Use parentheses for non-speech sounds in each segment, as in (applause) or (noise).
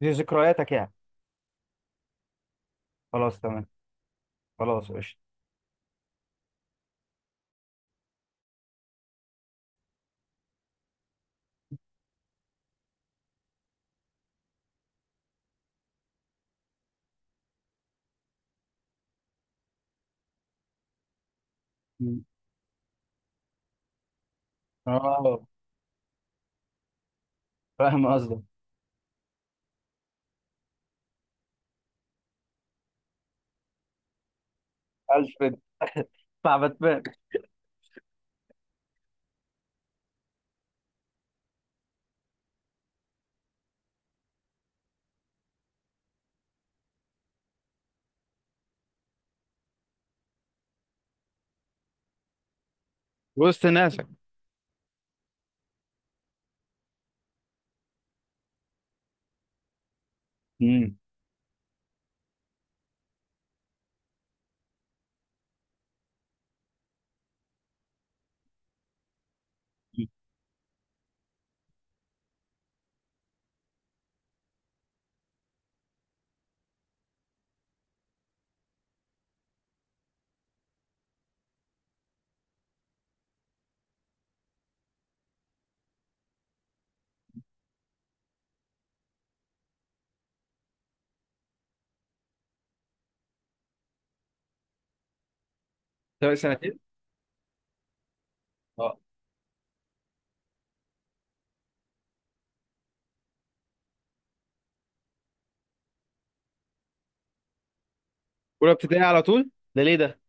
دي ذكرياتك يعني. خلاص تمام. خلاص قشطة. مم. اه، فاهم قصدك. الفريد (laughs) بتاع باتمان. وسط ناسك. مم. طب سنتين؟ آه. اولى ابتدائي على طول، ده ليه ده؟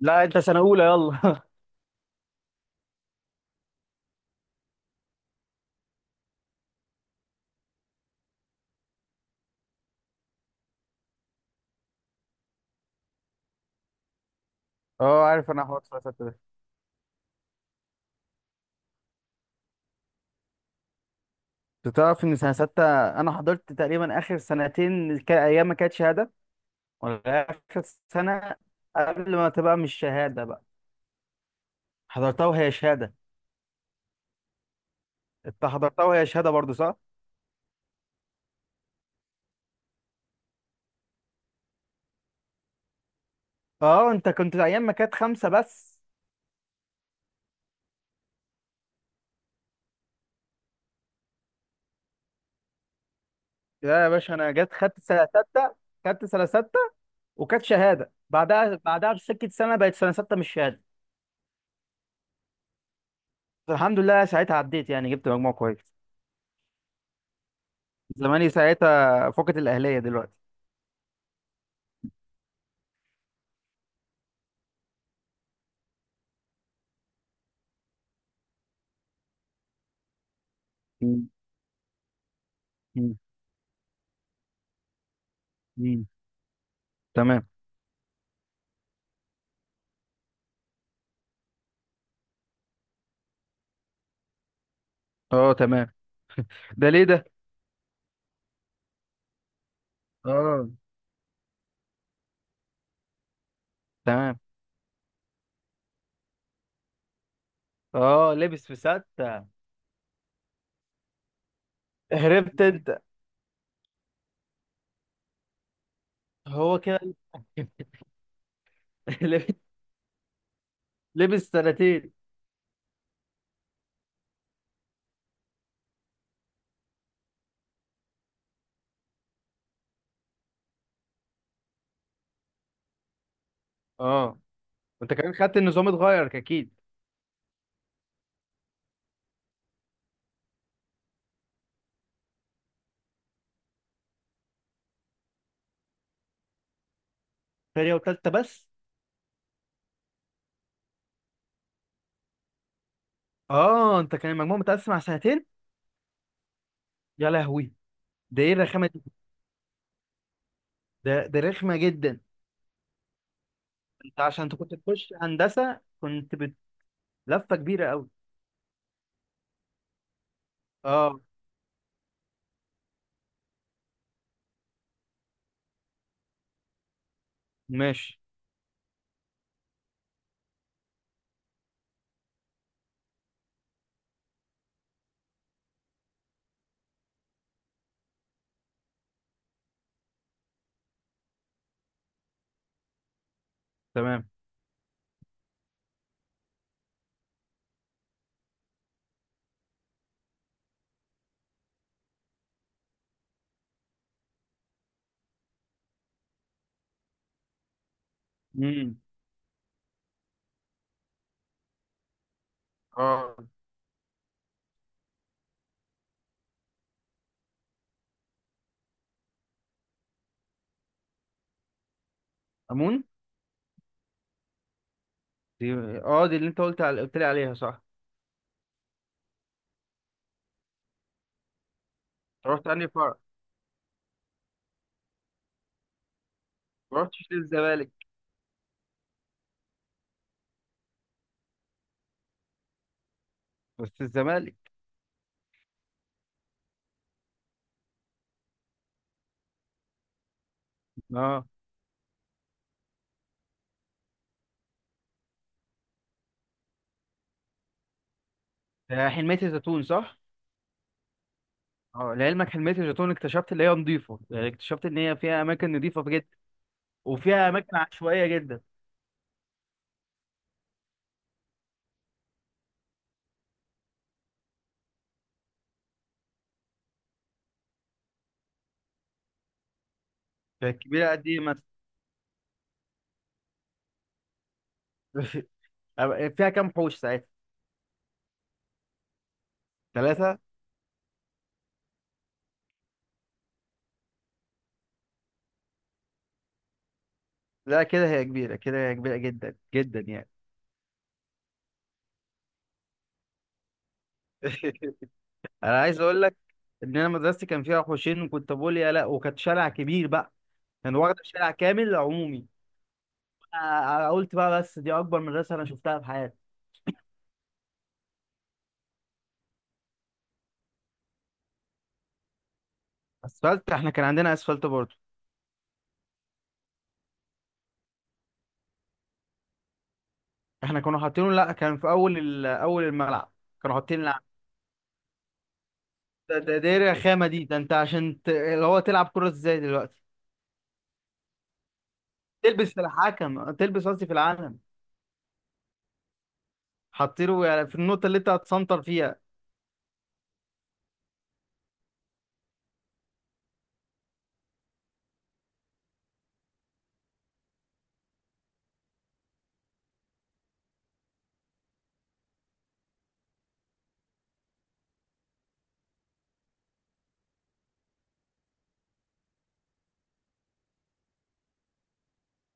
لا، انت سنة أولى، يلا. (laughs) اه، عارف انا حوار سنه سته ده. انت تعرف ان سنه سته، انا حضرت تقريبا اخر سنتين ايام ما كانت شهاده، ولا اخر سنه قبل ما تبقى مش شهاده بقى. حضرتها وهي شهاده. انت حضرتها وهي شهاده برضو، صح؟ اه، انت كنت ايام ما كانت خمسه بس. لا يا باشا، انا جت خدت سنه سته. خدت سنه سته، وكانت شهاده بعدها. بسكه سنه بقت سنه سته مش شهاده. الحمد لله ساعتها عديت يعني، جبت مجموع كويس. زماني ساعتها فقد الاهليه دلوقتي. مم. مم. مم. تمام. اه، تمام. ده ليه ده؟ اه، تمام. اه، لبس في سته. هربت انت. هو كده. (laughs) لبس لبس سنتين. اه، انت كمان خدت النظام اتغير اكيد. تانية وتالتة بس؟ اه، انت كان المجموع متقسم على سنتين؟ يا لهوي، ده ايه الرخامه؟ ده رخمة جدا. انت عشان انت كنت تخش هندسة كنت لفة كبيرة قوي. اه. ماشي. تمام. امم. اه، امون دي. اه، دي اللي انت قلت لي عليها، صح؟ رحت انهي فرع؟ رحتش للزمالك؟ بس الزمالك. اه. ده حلمية الزيتون، صح؟ اه، لعلمك حلمية الزيتون اكتشفت اللي هي نظيفة، يعني اكتشفت ان هي فيها اماكن نظيفة جدا. وفيها اماكن عشوائية جدا. كانت كبيرة قد ايه مثلا؟ (laughs) فيها كام حوش ساعتها؟ ثلاثة؟ لا كده هي كبيرة، كده هي كبيرة جدا جدا يعني. (laughs) انا عايز اقول لك ان انا مدرستي كان فيها حوشين وكنت بقول يا لا، وكانت شارع كبير بقى. كان واخد شارع كامل عمومي. أنا قلت بقى بس دي اكبر مدرسة انا شفتها في حياتي. اسفلت؟ احنا كان عندنا اسفلت برضه. احنا كنا حاطينه، لا كان في اول الملعب. كانوا حاطين لعب. ده ايه الرخامة دي؟ ده انت عشان اللي هو تلعب كرة ازاي دلوقتي؟ تلبس في الحكم، تلبس قصدي في العالم. حاطينه يعني في النقطة اللي انت هتسنطر فيها.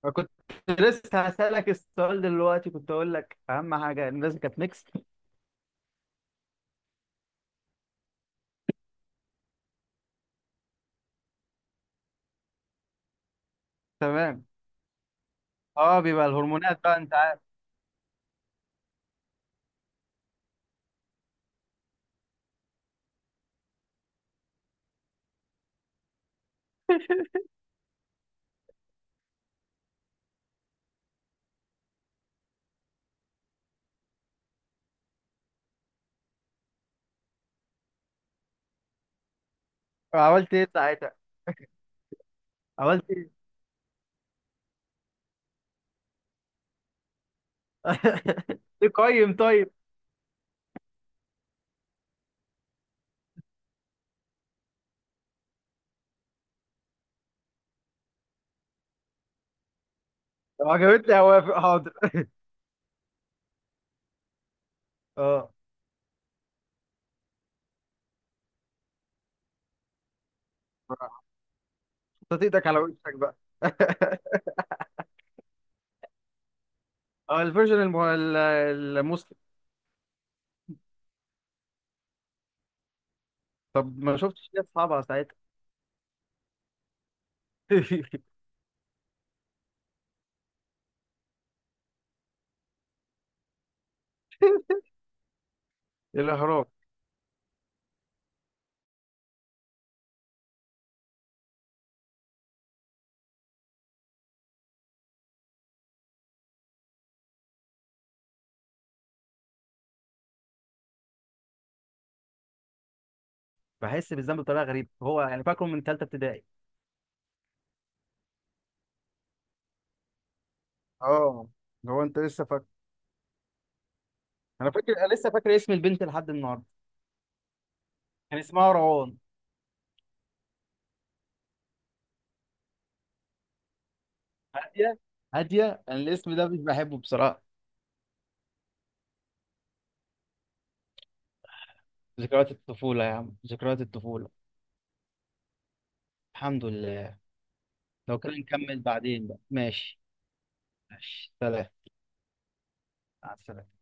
أنا كنت لسه هسألك السؤال دلوقتي، كنت أقول لك أهم حاجة إن لازم كانت ميكس. تمام. أه، بيبقى الهرمونات بقى أنت عارف. عملت إيه ساعتها؟ عملت إيه؟ (laughs) إيه قيم طيب؟ لو عجبتني هوافق، حاضر. أه، حطيت إيدك على وشك بقى. (laughs) أه، الفيرجن المسلم. طب ما شفتش ليه أصحابها ساعتها؟ (laughs) الإهرام. بحس بالذنب بطريقة غريبة، هو يعني فاكره من تالتة ابتدائي. أه. هو أنت لسه فاكر؟ أنا فاكر، أنا لسه فاكر اسم البنت لحد النهاردة. كان اسمها روان. هادية. هادية. أنا الاسم ده مش بحبه بصراحة. ذكريات الطفولة يا عم، ذكريات الطفولة. الحمد لله. لو كده نكمل بعدين بقى، ماشي. ماشي، سلام. مع السلامة.